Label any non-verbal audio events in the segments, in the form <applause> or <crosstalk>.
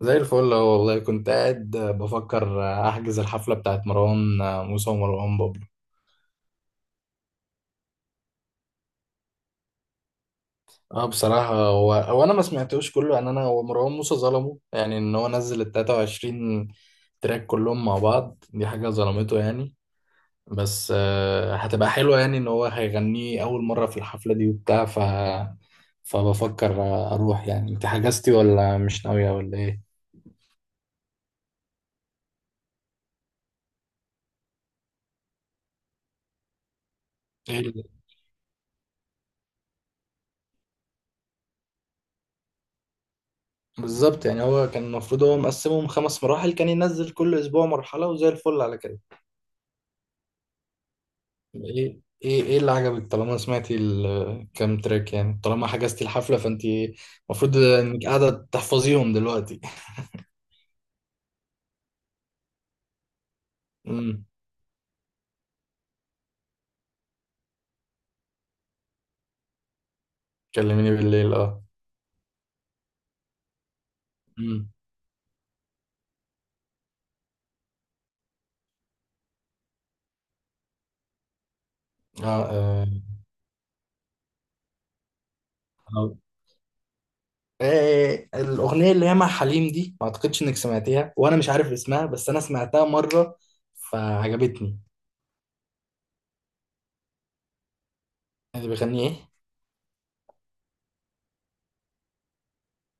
زي الفل أهو والله كنت قاعد بفكر احجز الحفله بتاعت مروان موسى ومروان بابلو. اه بصراحه، هو انا ما سمعتوش كله يعني، انا هو مروان موسى ظلمه يعني ان هو نزل ال 23 تراك كلهم مع بعض، دي حاجه ظلمته يعني. بس هتبقى حلوه يعني، ان هو هيغنيه اول مره في الحفله دي وبتاع. فبفكر اروح. يعني انت حجزتي ولا مش ناويه ولا ايه؟ ايه بالظبط. يعني هو كان المفروض هو مقسمهم خمس مراحل، كان ينزل كل اسبوع مرحلة وزي الفل على كده. ايه، ايه، ايه اللي عجبك؟ طالما سمعتي الكام تراك يعني، طالما حجزتي الحفلة فانت المفروض انك قاعدة تحفظيهم دلوقتي. امم كلميني بالليل، اه. امم. اه. آه. آه. الأغنية اللي هي مع حليم دي ما أعتقدش إنك سمعتيها، وأنا مش عارف اسمها بس أنا سمعتها مرة فعجبتني. اللي بيغني إيه؟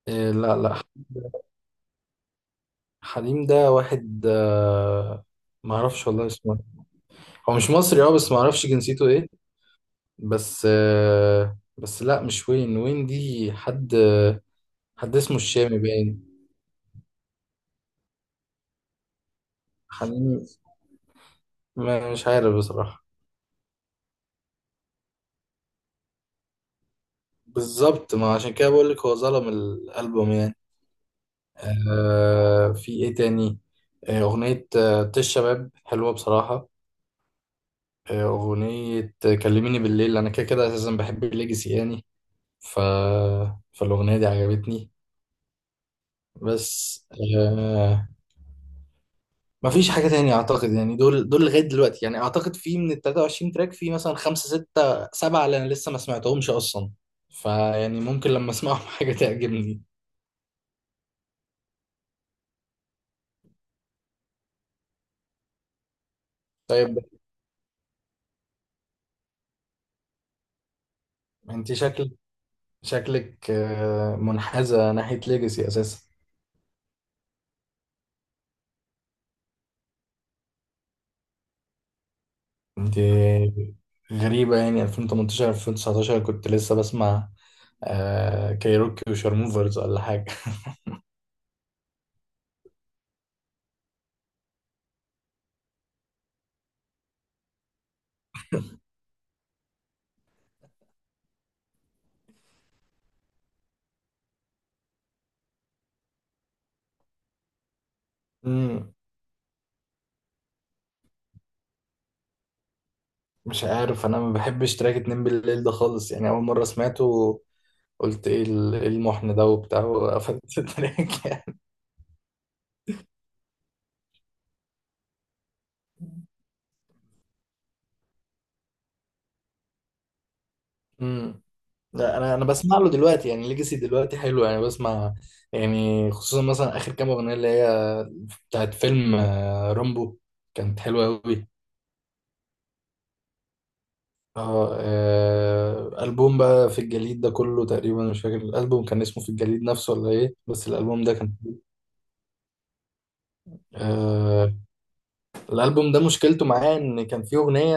آه، لا، لا. حليم ده واحد، ما اعرفش والله اسمه. هو مش مصري، اه، بس ما اعرفش جنسيته ايه. بس بس لا، مش وين وين دي، حد اسمه الشامي باين. حليم، ما مش عارف بصراحة. بالظبط، ما عشان كده بقول لك هو ظلم الألبوم يعني. آه، في ايه تاني؟ أغنية طش شباب، حلوة بصراحة. أغنية كلميني بالليل. أنا كده كده أساسا بحب الليجاسي يعني. ف... فالأغنية دي عجبتني بس. آه ما فيش حاجة تانية أعتقد، يعني دول لغاية دلوقتي يعني، أعتقد في من ال 23 تراك، في مثلا خمسة، ستة، سبعة اللي أنا لسه ما سمعتهمش أصلا. فيعني ممكن لما أسمعهم <laughs> حاجة تعجبني. طيب، أنت شكلك منحازة ناحية ليجاسي أساسا. أنت غريبة يعني، 2018 2019 كنت لسه بسمع كايروكي وشارموفرز ولا حاجة <laughs> مم. مش عارف، انا ما بحبش تراك اتنين بالليل ده خالص يعني. اول مره سمعته قلت ايه إيه المحن ده وبتاع، وقفلت <laughs> التراك يعني. امم. لا، انا بسمع له دلوقتي يعني، ليجاسي دلوقتي حلو يعني بسمع. يعني خصوصا مثلا اخر كام اغنيه اللي هي بتاعت فيلم رامبو، كانت حلوه قوي. اه، البوم بقى في الجليد ده كله تقريبا، مش فاكر الالبوم كان اسمه في الجليد نفسه ولا ايه، بس الالبوم ده كان. آه الالبوم ده مشكلته معاه ان كان فيه اغنيه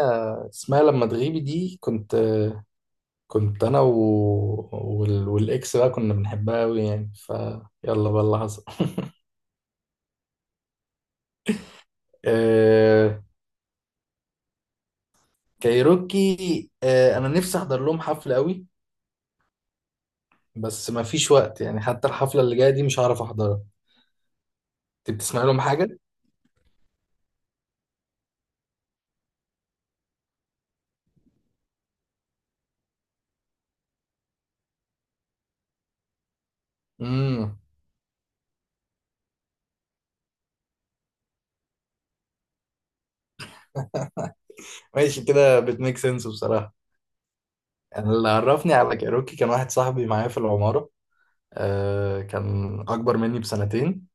اسمها لما تغيبي دي، كنت انا والاكس بقى كنا بنحبها قوي يعني، فيلا بقى اللي حصل <laughs> آه... كايروكي، انا نفسي احضر لهم حفله قوي. بس ما فيش وقت يعني، حتى الحفله اللي جايه دي مش هعرف احضرها. انت بتسمع لهم حاجه؟ امم. ماشي، كده بتميك سنس بصراحه. انا اللي عرفني على كايروكي كان واحد صاحبي معايا في العماره، كان اكبر مني بسنتين،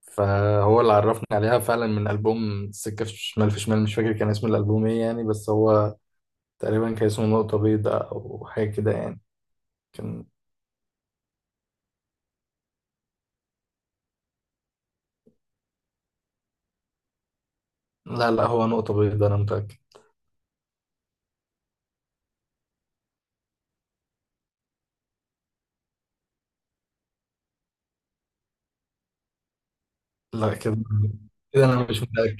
فهو اللي عرفني عليها فعلا من ألبوم السكة في شمال في شمال. مش فاكر كان اسم الألبوم ايه يعني، بس هو تقريبا كان اسمه نقطة بيضاء أو حاجة كده يعني. كان. لا، لا، هو نقطة بيضاء أنا متأكد. لا، كده كده أنا مش متأكد.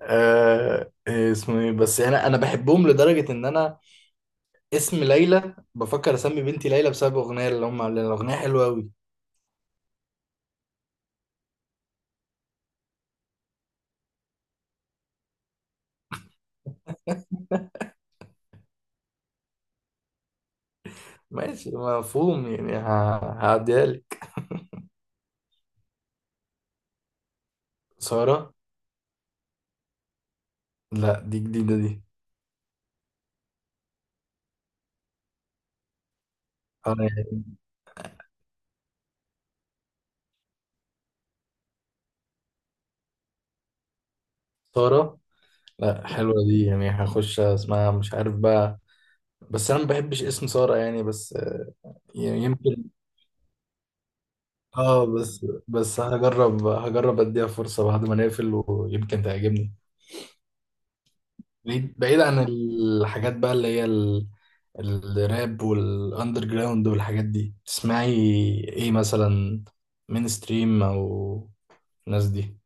إيه اسمه، إيه؟ بس أنا بحبهم لدرجة إن أنا، اسم ليلى، بفكر أسمي بنتي ليلى بسبب أغنية اللي هم عاملينها، الأغنية حلوة أوي. ماشي، مفهوم يعني. هعديها لك. سارة. لا، دي جديدة دي. آه يعني. سارة. لا، حلوة دي يعني، هخش اسمها مش عارف بقى، بس أنا ما بحبش اسم سارة يعني بس. يعني يمكن. اه بس هجرب اديها فرصة بعد ما نقفل، ويمكن تعجبني. بعيد بعيد عن الحاجات بقى اللي هي الراب والاندر جراوند والحاجات دي، تسمعي ايه مثلا؟ من ستريم او الناس دي؟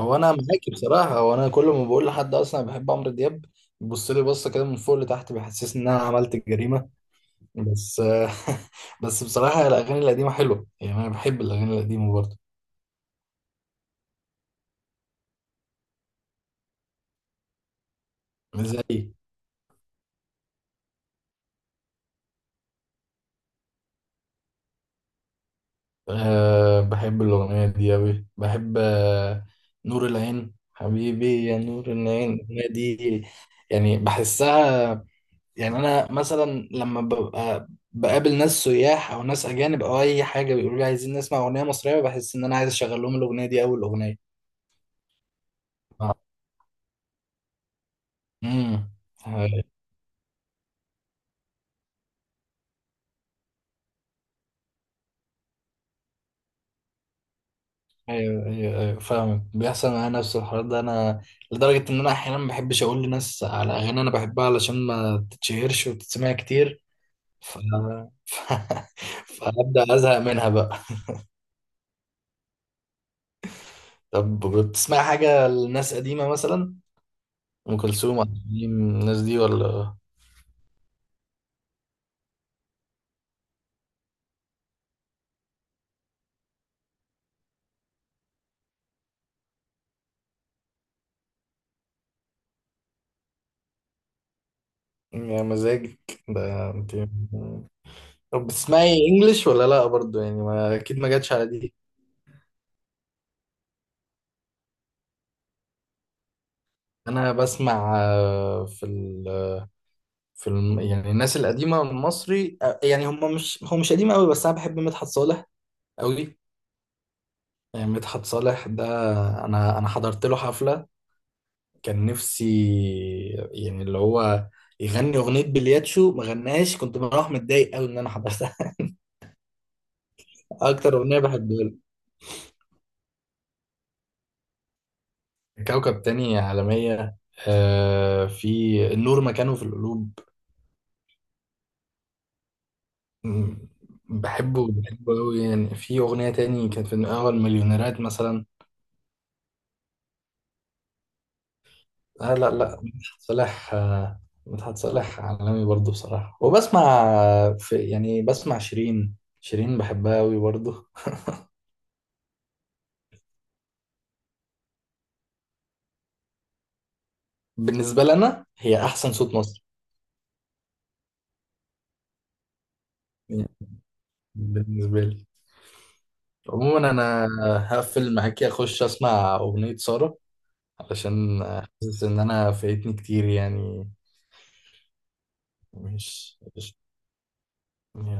هو انا معاكي بصراحة، هو انا كل ما بقول لحد اصلا أنا بحب عمرو دياب، بيبص لي بصة كده من فوق لتحت، بيحسسني ان انا عملت جريمة بس <laughs> بس بصراحة، الاغاني القديمة حلوة يعني، انا بحب الاغاني القديمة برضه. مش زي. أه، بحب الأغنية دي أوي، بحب نور العين، حبيبي يا نور العين الأغنية دي، يعني بحسها. يعني أنا مثلا لما ببقى بقابل ناس سياح أو ناس أجانب أو أي حاجة، بيقولوا لي عايزين نسمع أغنية مصرية، بحس إن أنا عايز أشغل لهم الأغنية دي أول أغنية. آه. امم. ايوه. ايوه، ايوه، فاهمك. بيحصل معايا نفس الحوار ده انا، لدرجه ان انا احيانا ما بحبش اقول لناس على اغاني انا بحبها علشان ما تتشهرش وتتسمع كتير. ف... ف... <laughs> فابدا ازهق منها بقى. طب، بتسمع حاجه لناس قديمه مثلا، ام كلثوم، عبد الحليم، الناس دي ولا؟ يا مزاجك ده انت! <laughs> طب، بتسمعي انجلش ولا لا برضو؟ يعني ما اكيد، ما جاتش على دي. انا بسمع، في ال... في الم... يعني الناس القديمه المصري، يعني هم مش، هو مش قديم قوي، بس انا بحب مدحت صالح قوي. يعني مدحت صالح ده، انا حضرت له حفله، كان نفسي يعني اللي هو يغني اغنيه بلياتشو، ما غناش، كنت بروح متضايق قوي ان انا حضرتها <laughs> اكتر اغنيه بحبها له. كوكب تاني عالميه. في النور مكانه في القلوب. م- بحبه قوي يعني. في اغنيه تاني كانت في اول مليونيرات مثلا. آه، لا، لا، مدحت صالح، مدحت صالح عالمي برضه بصراحه. وبسمع، يعني بسمع شيرين. شيرين بحبها قوي برضه. بالنسبه لنا هي احسن صوت مصر. بالنسبة لي عموما، أنا هقفل معاكي أخش أسمع أغنية سارة، علشان حاسس إن أنا فايتني كتير يعني. مش يعني.